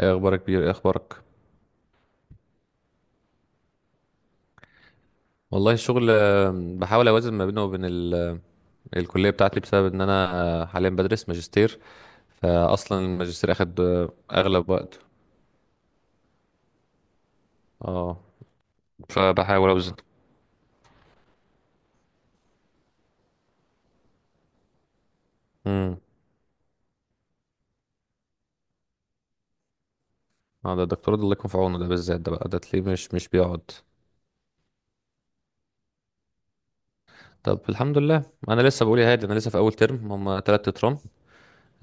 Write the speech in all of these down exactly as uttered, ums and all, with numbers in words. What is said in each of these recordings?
ايه اخبارك بيه؟ ايه اخبارك والله الشغل آه، بحاول اوازن ما بينه وبين ال- الكليه بتاعتي بسبب ان انا آه، حاليا بدرس ماجستير. فاصلا الماجستير اخد آه، اغلب وقت. اه، فبحاول اوزن. امم. اه، ده الدكتور ده الله يكون في عونه، ده بالذات ده بقى ده تلاقيه مش مش بيقعد. طب الحمد لله. انا لسه بقول يا هادي، انا لسه في اول ترم، هم تلات ترام.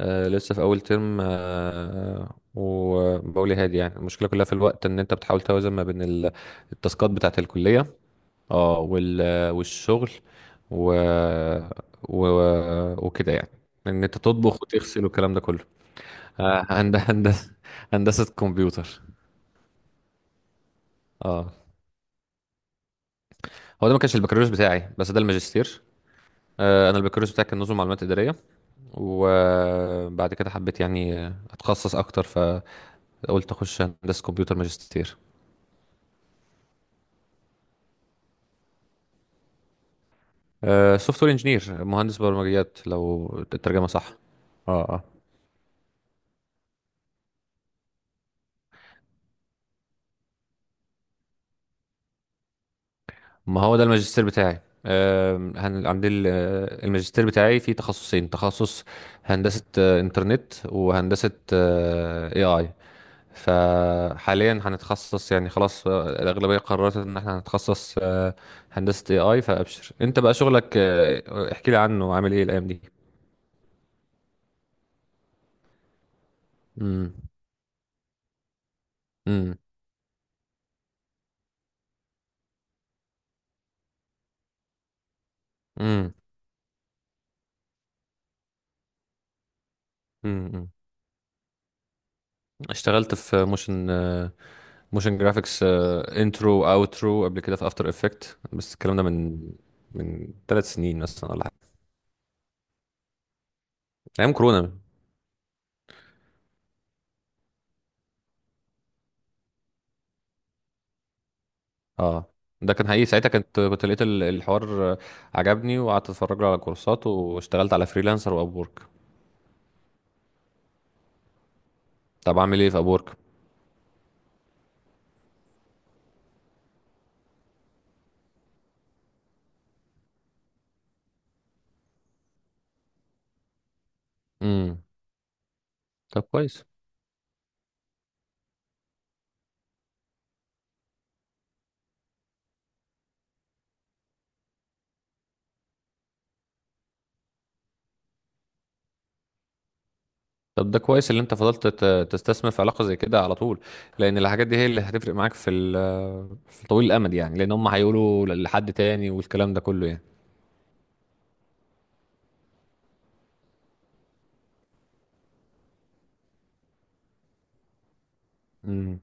آه لسه في اول ترم، آه وبقول يا هادي، يعني المشكله كلها في الوقت، ان انت بتحاول توازن ما بين ال- التاسكات بتاعه الكليه. اه، وال والشغل و... و... وكده يعني، ان انت تطبخ وتغسل والكلام ده كله. آه، هند... هندسه هندسه كمبيوتر. اه، هو ده ما كانش البكالوريوس بتاعي، بس ده الماجستير. آه، انا البكالوريوس بتاعي كان نظم معلومات اداريه، وبعد كده حبيت يعني اتخصص اكتر، فقلت اخش هندسه كمبيوتر ماجستير. سوفت وير انجينير، مهندس برمجيات لو الترجمه صح. اه، اه، ما هو ده الماجستير بتاعي. آم، هن- عندي ال- آه، الماجستير بتاعي فيه تخصصين: تخصص هندسة آه، إنترنت، وهندسة آه، إيه آي. فحاليا هنتخصص يعني، خلاص، آه، الأغلبية قررت إن احنا هنتخصص آه، هندسة إيه آي. فأبشر، أنت بقى شغلك آه، احكي لي عنه، عامل إيه الأيام دي؟ امم، امم، امم، امم. اشتغلت في موشن، موشن جرافيكس، انترو اوترو قبل كده في افتر افكت، بس الكلام ده من من ثلاث سنين مثلا ولا حاجه. ايام كورونا. اه، ده كان حقيقي. ساعتها كنت كنت لقيت ال- الحوار آه، عجبني، وقعدت اتفرج له على كورسات، واشتغلت على فريلانسر واب وورك. طب اعمل ايه في اب وورك؟ امم. طب كويس. طب ده كويس اللي انت فضلت ت- تستثمر في علاقه زي كده على طول، لان الحاجات دي هي اللي هتفرق معاك في ال- في طويل الامد يعني، لان هم هيقولوا لحد تاني والكلام ده كله يعني. امم،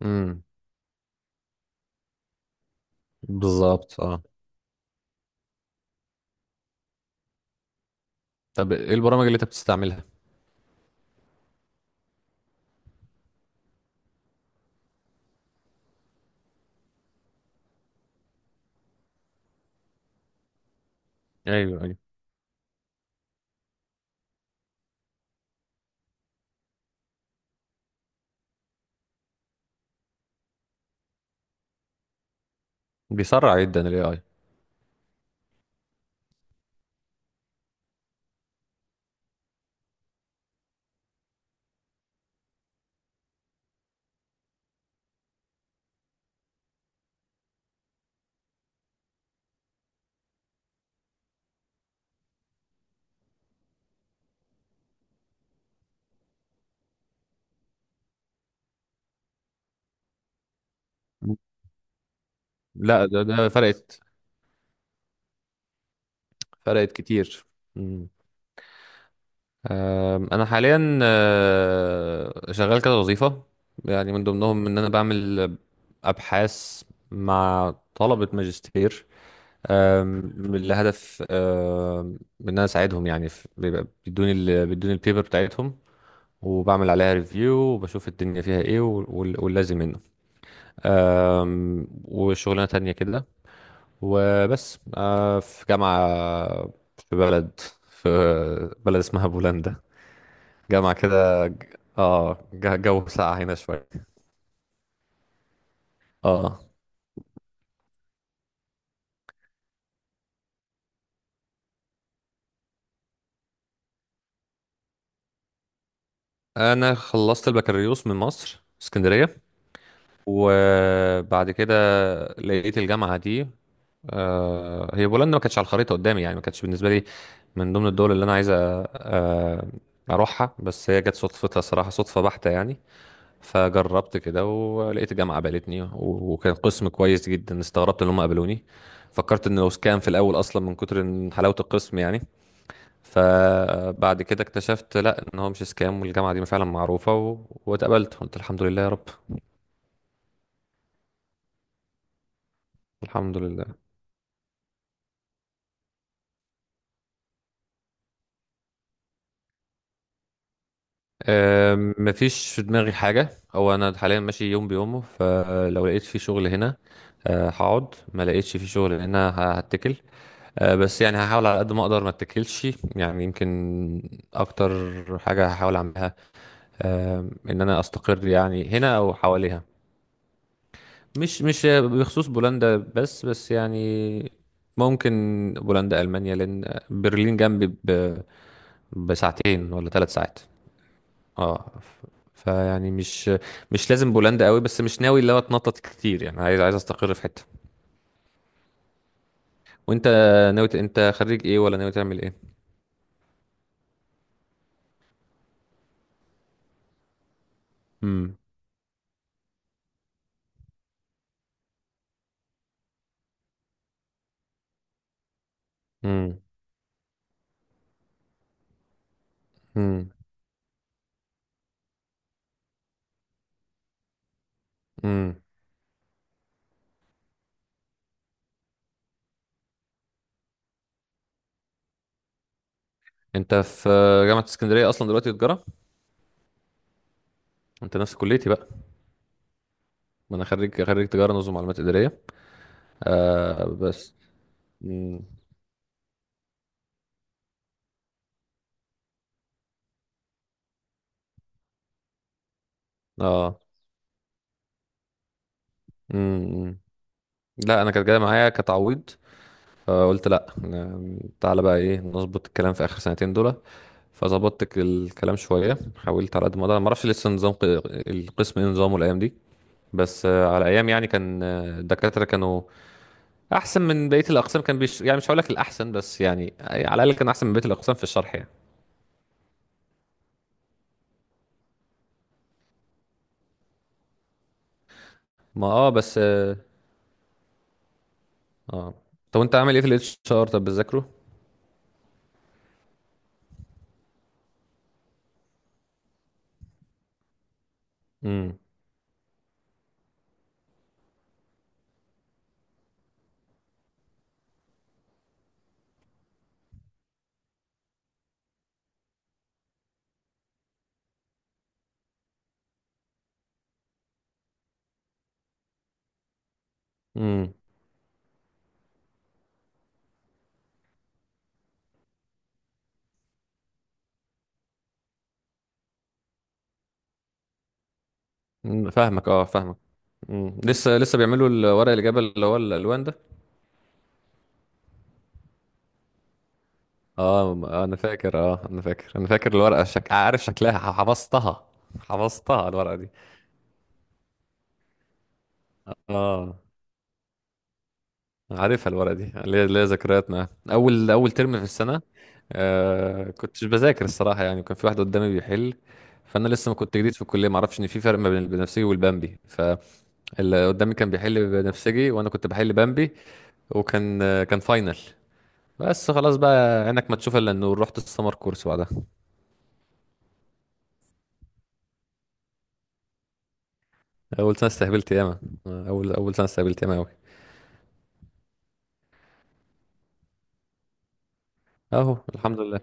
امم. بالظبط، اه. طب ايه البرامج اللي انت بتستعملها؟ ايوه، ايوه. بيسرع جدا الاي اي. لا، ده ده فرقت. فرقت كتير. مم. آم، انا حاليا آه، شغال كده وظيفة، يعني من ضمنهم ان انا بعمل ابحاث مع طلبة ماجستير. آم، لهدف آم، ان انا اساعدهم يعني، في- بيبقى بيدوني ال- بيدوني البيبر بتاعتهم، وبعمل عليها ريفيو، وبشوف الدنيا فيها ايه وال- وال- واللازم منه. آم، وشغلانة تانية كده، وبس. آه، في جامعة، في بلد، في بلد اسمها بولندا. جامعة كده، ج- اه ج- جو ساقع هنا شوية. اه، انا خلصت البكالوريوس من مصر، اسكندرية، وبعد كده لقيت الجامعة دي. آه، هي بولندا ما كانتش على الخريطة قدامي يعني، ما كانتش بالنسبة لي من ضمن الدول اللي انا عايز أ- آه، اروحها، بس هي جت صدفتها صراحة، صدفة بحتة يعني. فجربت كده ولقيت جامعة قبلتني، و- وكان قسم كويس جدا، استغربت ان هم قبلوني، فكرت انه سكام في الاول اصلا من كتر إن حلاوة القسم يعني. فبعد كده اكتشفت لا، ان هو مش سكام، والجامعة دي فعلا معروفة، و... واتقبلت، قلت الحمد لله يا رب. الحمد لله. أم، مفيش في دماغي حاجة. هو انا حاليا ماشي يوم بيومه، فلو لقيت في شغل هنا أه، هقعد، ما لقيتش في شغل هنا ه- هتكل. آه، بس يعني هحاول على قد ما اقدر ما اتكلش، يعني يمكن اكتر حاجه هحاول اعملها آه، ان انا استقر يعني هنا او حواليها. مش مش بخصوص بولندا بس بس يعني ممكن بولندا، المانيا، لان برلين جنبي ب- بساعتين ولا ثلاث ساعات. اه، ف- فيعني مش، مش لازم بولندا قوي، بس مش ناوي اللي هو اتنطط كتير يعني، عايز عايز استقر في حته. وانت ناوي ت- انت خريج ايه، ولا ناوي تعمل ايه؟ امم، امم، امم. انت في جامعة اسكندرية اصلا دلوقتي، تجارة. انت نفس كليتي بقى. ما انا خريج خريج تجارة نظم معلومات ادارية آه بس. مم. اه. مم. لا، انا كانت جاية معايا كتعويض، فقلت لا، ن- تعالى بقى ايه نظبط الكلام في اخر سنتين دول. فظبطت ك- الكلام شوية، حاولت على قد ما اقدر. ما اعرفش لسه نظام ق- القسم ايه نظامه الايام دي، بس آه، على ايام يعني كان آه، الدكاترة كانوا احسن من بقية الاقسام، كان بيش يعني، مش هقول لك الاحسن، بس يعني على الاقل كان احسن من بقية الاقسام في الشرح يعني. ما اه، بس اه. آه. طب وانت عامل ايه في الاتش ار، طب بتذاكره؟ امم، امم. أمم، فاهمك، اه، فاهمك. امم، لسه لسه بيعملوا الورق الاجابه اللي هو الالوان ده. اه، م- آه، انا فاكر اه انا فاكر انا فاكر الورقه، شك... عارف شكلها، ح- حفظتها حفظتها الورقه دي. اه، عارفها الورقه دي، ليا ليا ذكريات معاها، اول اول ترم في السنه. آه كنتش بذاكر الصراحه يعني، وكان في واحد قدامي بيحل، فانا لسه ما كنت جديد في الكليه، ما اعرفش ان في فرق ما بين البنفسجي والبامبي. اللي قدامي كان بيحل بنفسجي وانا كنت بحل بامبي، وكان آه، كان فاينل. بس خلاص بقى، عينك ما تشوف الا النور، رحت السمر كورس بعدها. اول سنه استهبلت ياما. اول اول سنه استهبلت ياما قوي. اهو الحمد لله.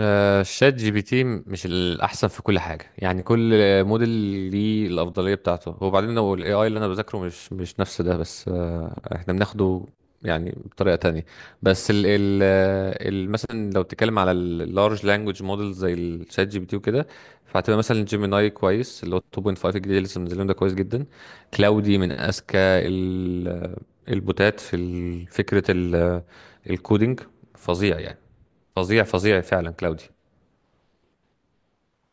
آه، شات جي بي تي مش الاحسن في كل حاجه يعني، كل موديل ليه الافضليه بتاعته. وبعدين هو الاي اي اللي انا بذاكره مش مش نفس ده، بس آه، احنا بناخده يعني بطريقه تانية. بس ال ال آه، ال- مثلا لو بتتكلم على اللارج لانجوج موديل زي الشات جي بي تي وكده، فهتبقى مثلا جيميناي كويس، اللي هو اتنين نقطه خمسه الجديد اللي لسه منزلينه ده، كويس جدا. كلاودي من اذكى ال- آه، البوتات في ال- فكره ال- آه، الكودينج، فظيع يعني. فظيع، فظيع فعلا كلاودي.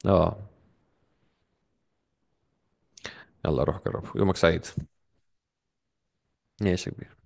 اه. يلا روح جربه، يومك سعيد. ماشي يا كبير.